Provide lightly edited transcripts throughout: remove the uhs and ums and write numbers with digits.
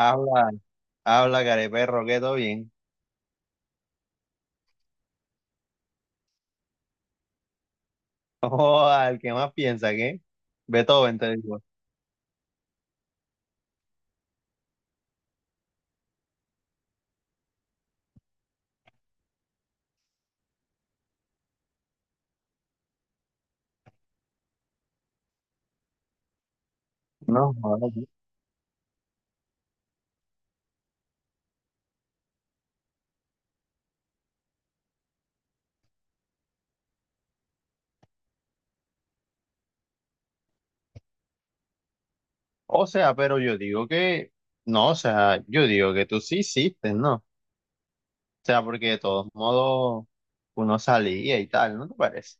Habla, habla, careperro, que todo bien. O al que más piensa, ¿qué? Beethoven, te digo. No, joder. O sea, pero yo digo que, no, o sea, yo digo que tú sí hiciste, ¿no? O sea, porque de todos modos uno salía y tal, ¿no te parece?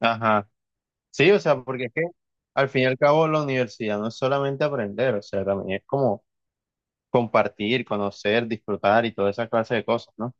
Ajá. Sí, o sea, porque es que al fin y al cabo la universidad no es solamente aprender, o sea, también es como compartir, conocer, disfrutar y toda esa clase de cosas, ¿no?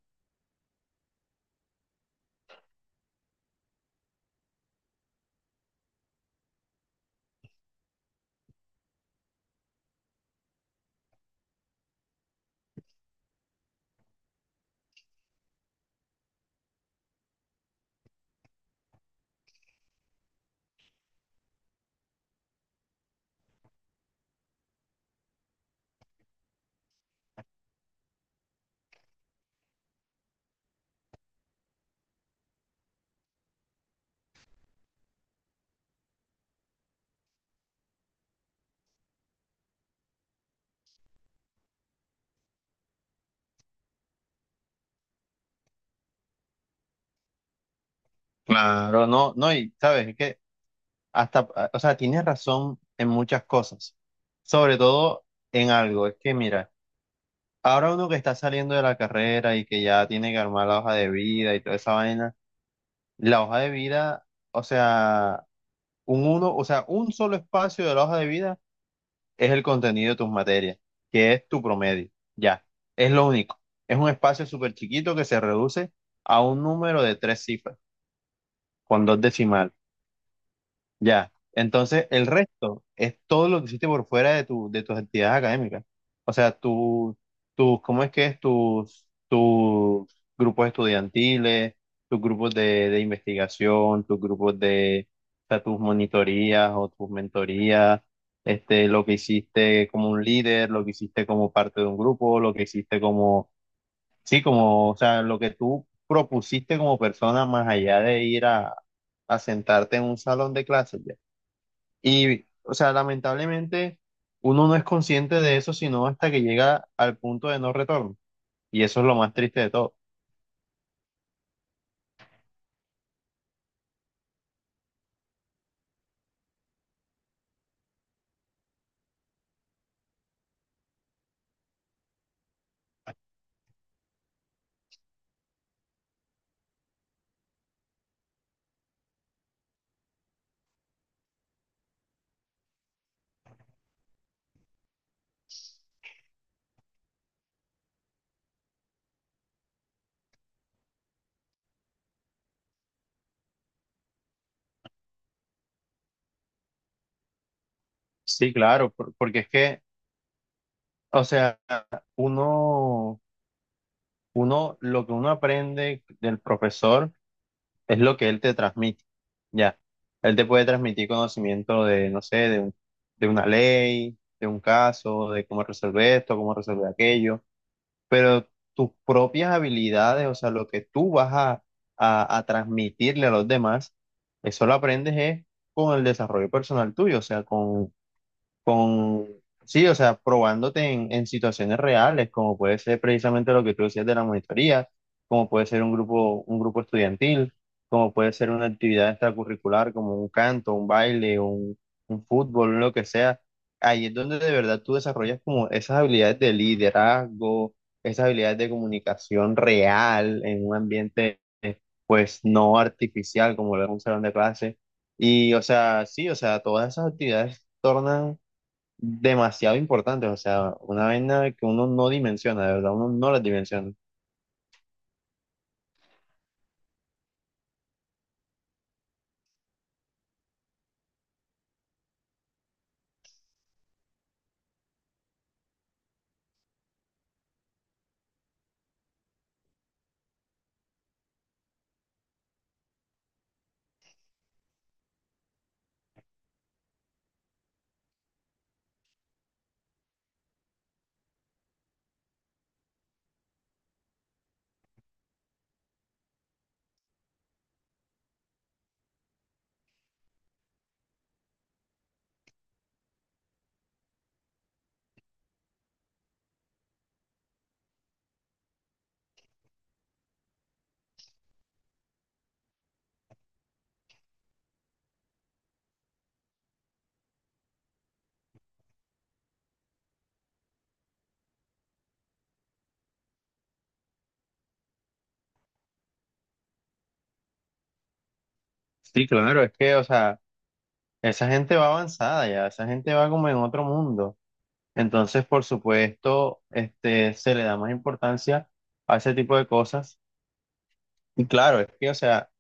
Claro, no, y sabes, es que hasta, o sea, tienes razón en muchas cosas, sobre todo en algo. Es que mira, ahora uno que está saliendo de la carrera y que ya tiene que armar la hoja de vida y toda esa vaina, la hoja de vida, o sea, un uno, o sea, un solo espacio de la hoja de vida es el contenido de tus materias, que es tu promedio. Ya, es lo único. Es un espacio súper chiquito que se reduce a un número de tres cifras, con dos decimales. Ya. Entonces, el resto es todo lo que hiciste por fuera de de tus actividades académicas. O sea, tu, ¿cómo es que es? Tus grupos estudiantiles, tus grupos de investigación, tus grupos de, o sea, tus monitorías o tus mentorías, este, lo que hiciste como un líder, lo que hiciste como parte de un grupo, lo que hiciste como, sí, como, o sea, lo que tú propusiste como persona más allá de ir a sentarte en un salón de clases. Ya. Y, o sea, lamentablemente uno no es consciente de eso sino hasta que llega al punto de no retorno. Y eso es lo más triste de todo. Sí, claro, porque es que, o sea, uno, uno, lo que uno aprende del profesor es lo que él te transmite. Ya, él te puede transmitir conocimiento de, no sé, de una ley, de un caso, de cómo resolver esto, cómo resolver aquello, pero tus propias habilidades, o sea, lo que tú vas a, a transmitirle a los demás, eso lo aprendes es con el desarrollo personal tuyo, o sea, con, sí, o sea, probándote en situaciones reales, como puede ser precisamente lo que tú decías de la monitoría, como puede ser un grupo estudiantil, como puede ser una actividad extracurricular, como un canto, un baile, un fútbol, lo que sea. Ahí es donde de verdad tú desarrollas como esas habilidades de liderazgo, esas habilidades de comunicación real en un ambiente, pues, no artificial como lo es un salón de clase. Y, o sea, sí, o sea, todas esas actividades tornan demasiado importantes, o sea, una vaina que uno no dimensiona, de verdad, uno no las dimensiona. Sí, claro, es que, o sea, esa gente va avanzada ya, esa gente va como en otro mundo. Entonces, por supuesto, este, se le da más importancia a ese tipo de cosas. Y claro, es que, o sea,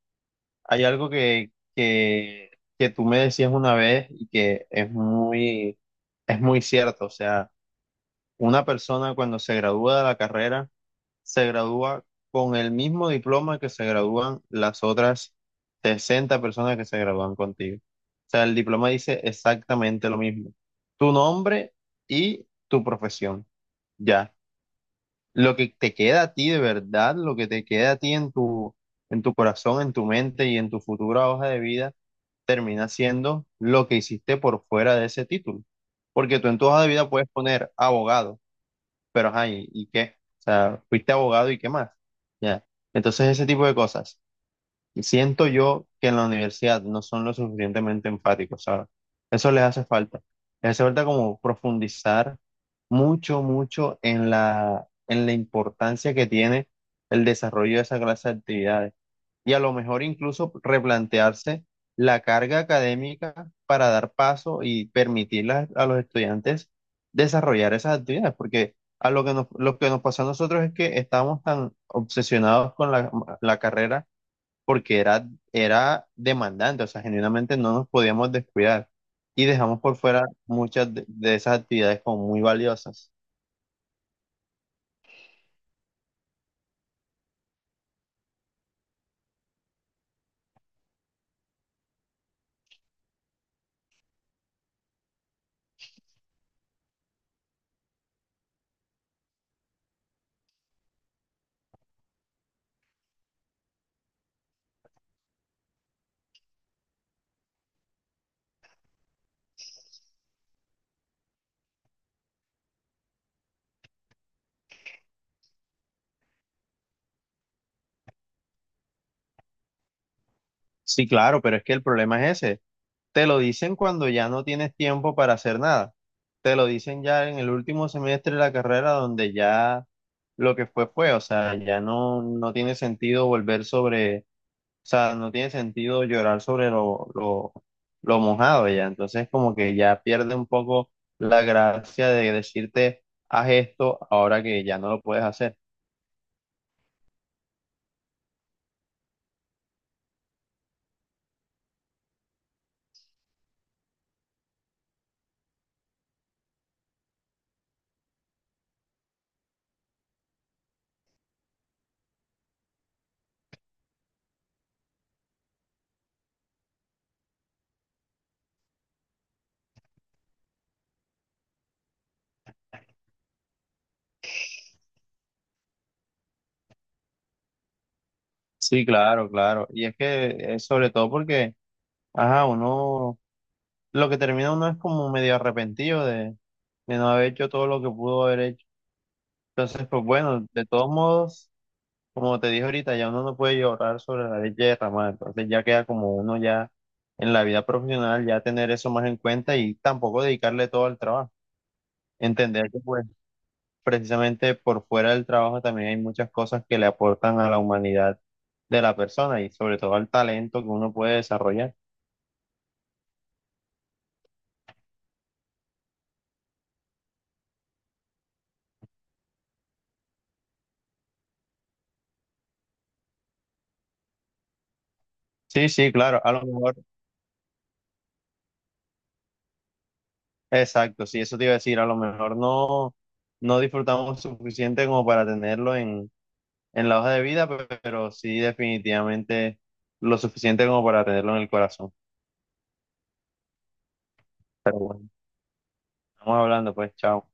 hay algo que, que tú me decías una vez y que es muy cierto, o sea, una persona cuando se gradúa de la carrera, se gradúa con el mismo diploma que se gradúan las otras 60 personas que se gradúan contigo. O sea, el diploma dice exactamente lo mismo. Tu nombre y tu profesión. Ya. Lo que te queda a ti de verdad, lo que te queda a ti en en tu corazón, en tu mente y en tu futura hoja de vida, termina siendo lo que hiciste por fuera de ese título. Porque tú en tu hoja de vida puedes poner abogado, pero ajá, y qué? O sea, fuiste abogado y qué más. Ya. Entonces, ese tipo de cosas. Siento yo que en la universidad no son lo suficientemente enfáticos, ¿sabes? Eso les hace falta. Les hace falta como profundizar mucho, mucho en en la importancia que tiene el desarrollo de esa clase de actividades y a lo mejor incluso replantearse la carga académica para dar paso y permitir a los estudiantes desarrollar esas actividades, porque a lo que lo que nos pasó a nosotros es que estábamos tan obsesionados con la carrera porque era demandante, o sea, genuinamente no nos podíamos descuidar y dejamos por fuera muchas de esas actividades como muy valiosas. Sí, claro, pero es que el problema es ese. Te lo dicen cuando ya no tienes tiempo para hacer nada. Te lo dicen ya en el último semestre de la carrera donde ya lo que fue fue, o sea, ya no tiene sentido volver sobre, o sea, no tiene sentido llorar sobre lo mojado ya. Entonces como que ya pierde un poco la gracia de decirte, haz esto ahora que ya no lo puedes hacer. Sí, claro. Y es que es sobre todo porque, ajá, uno... lo que termina uno es como medio arrepentido de no haber hecho todo lo que pudo haber hecho. Entonces, pues bueno, de todos modos, como te dije ahorita, ya uno no puede llorar sobre la leche derramada. Entonces ya queda como uno ya en la vida profesional, ya tener eso más en cuenta y tampoco dedicarle todo al trabajo. Entender que pues precisamente por fuera del trabajo también hay muchas cosas que le aportan a la humanidad de la persona y sobre todo al talento que uno puede desarrollar. Sí, sí, claro. A lo mejor exacto, sí, eso te iba a decir, a lo mejor no, no disfrutamos suficiente como para tenerlo en la hoja de vida, pero sí definitivamente lo suficiente como para tenerlo en el corazón. Estamos hablando, pues, chao.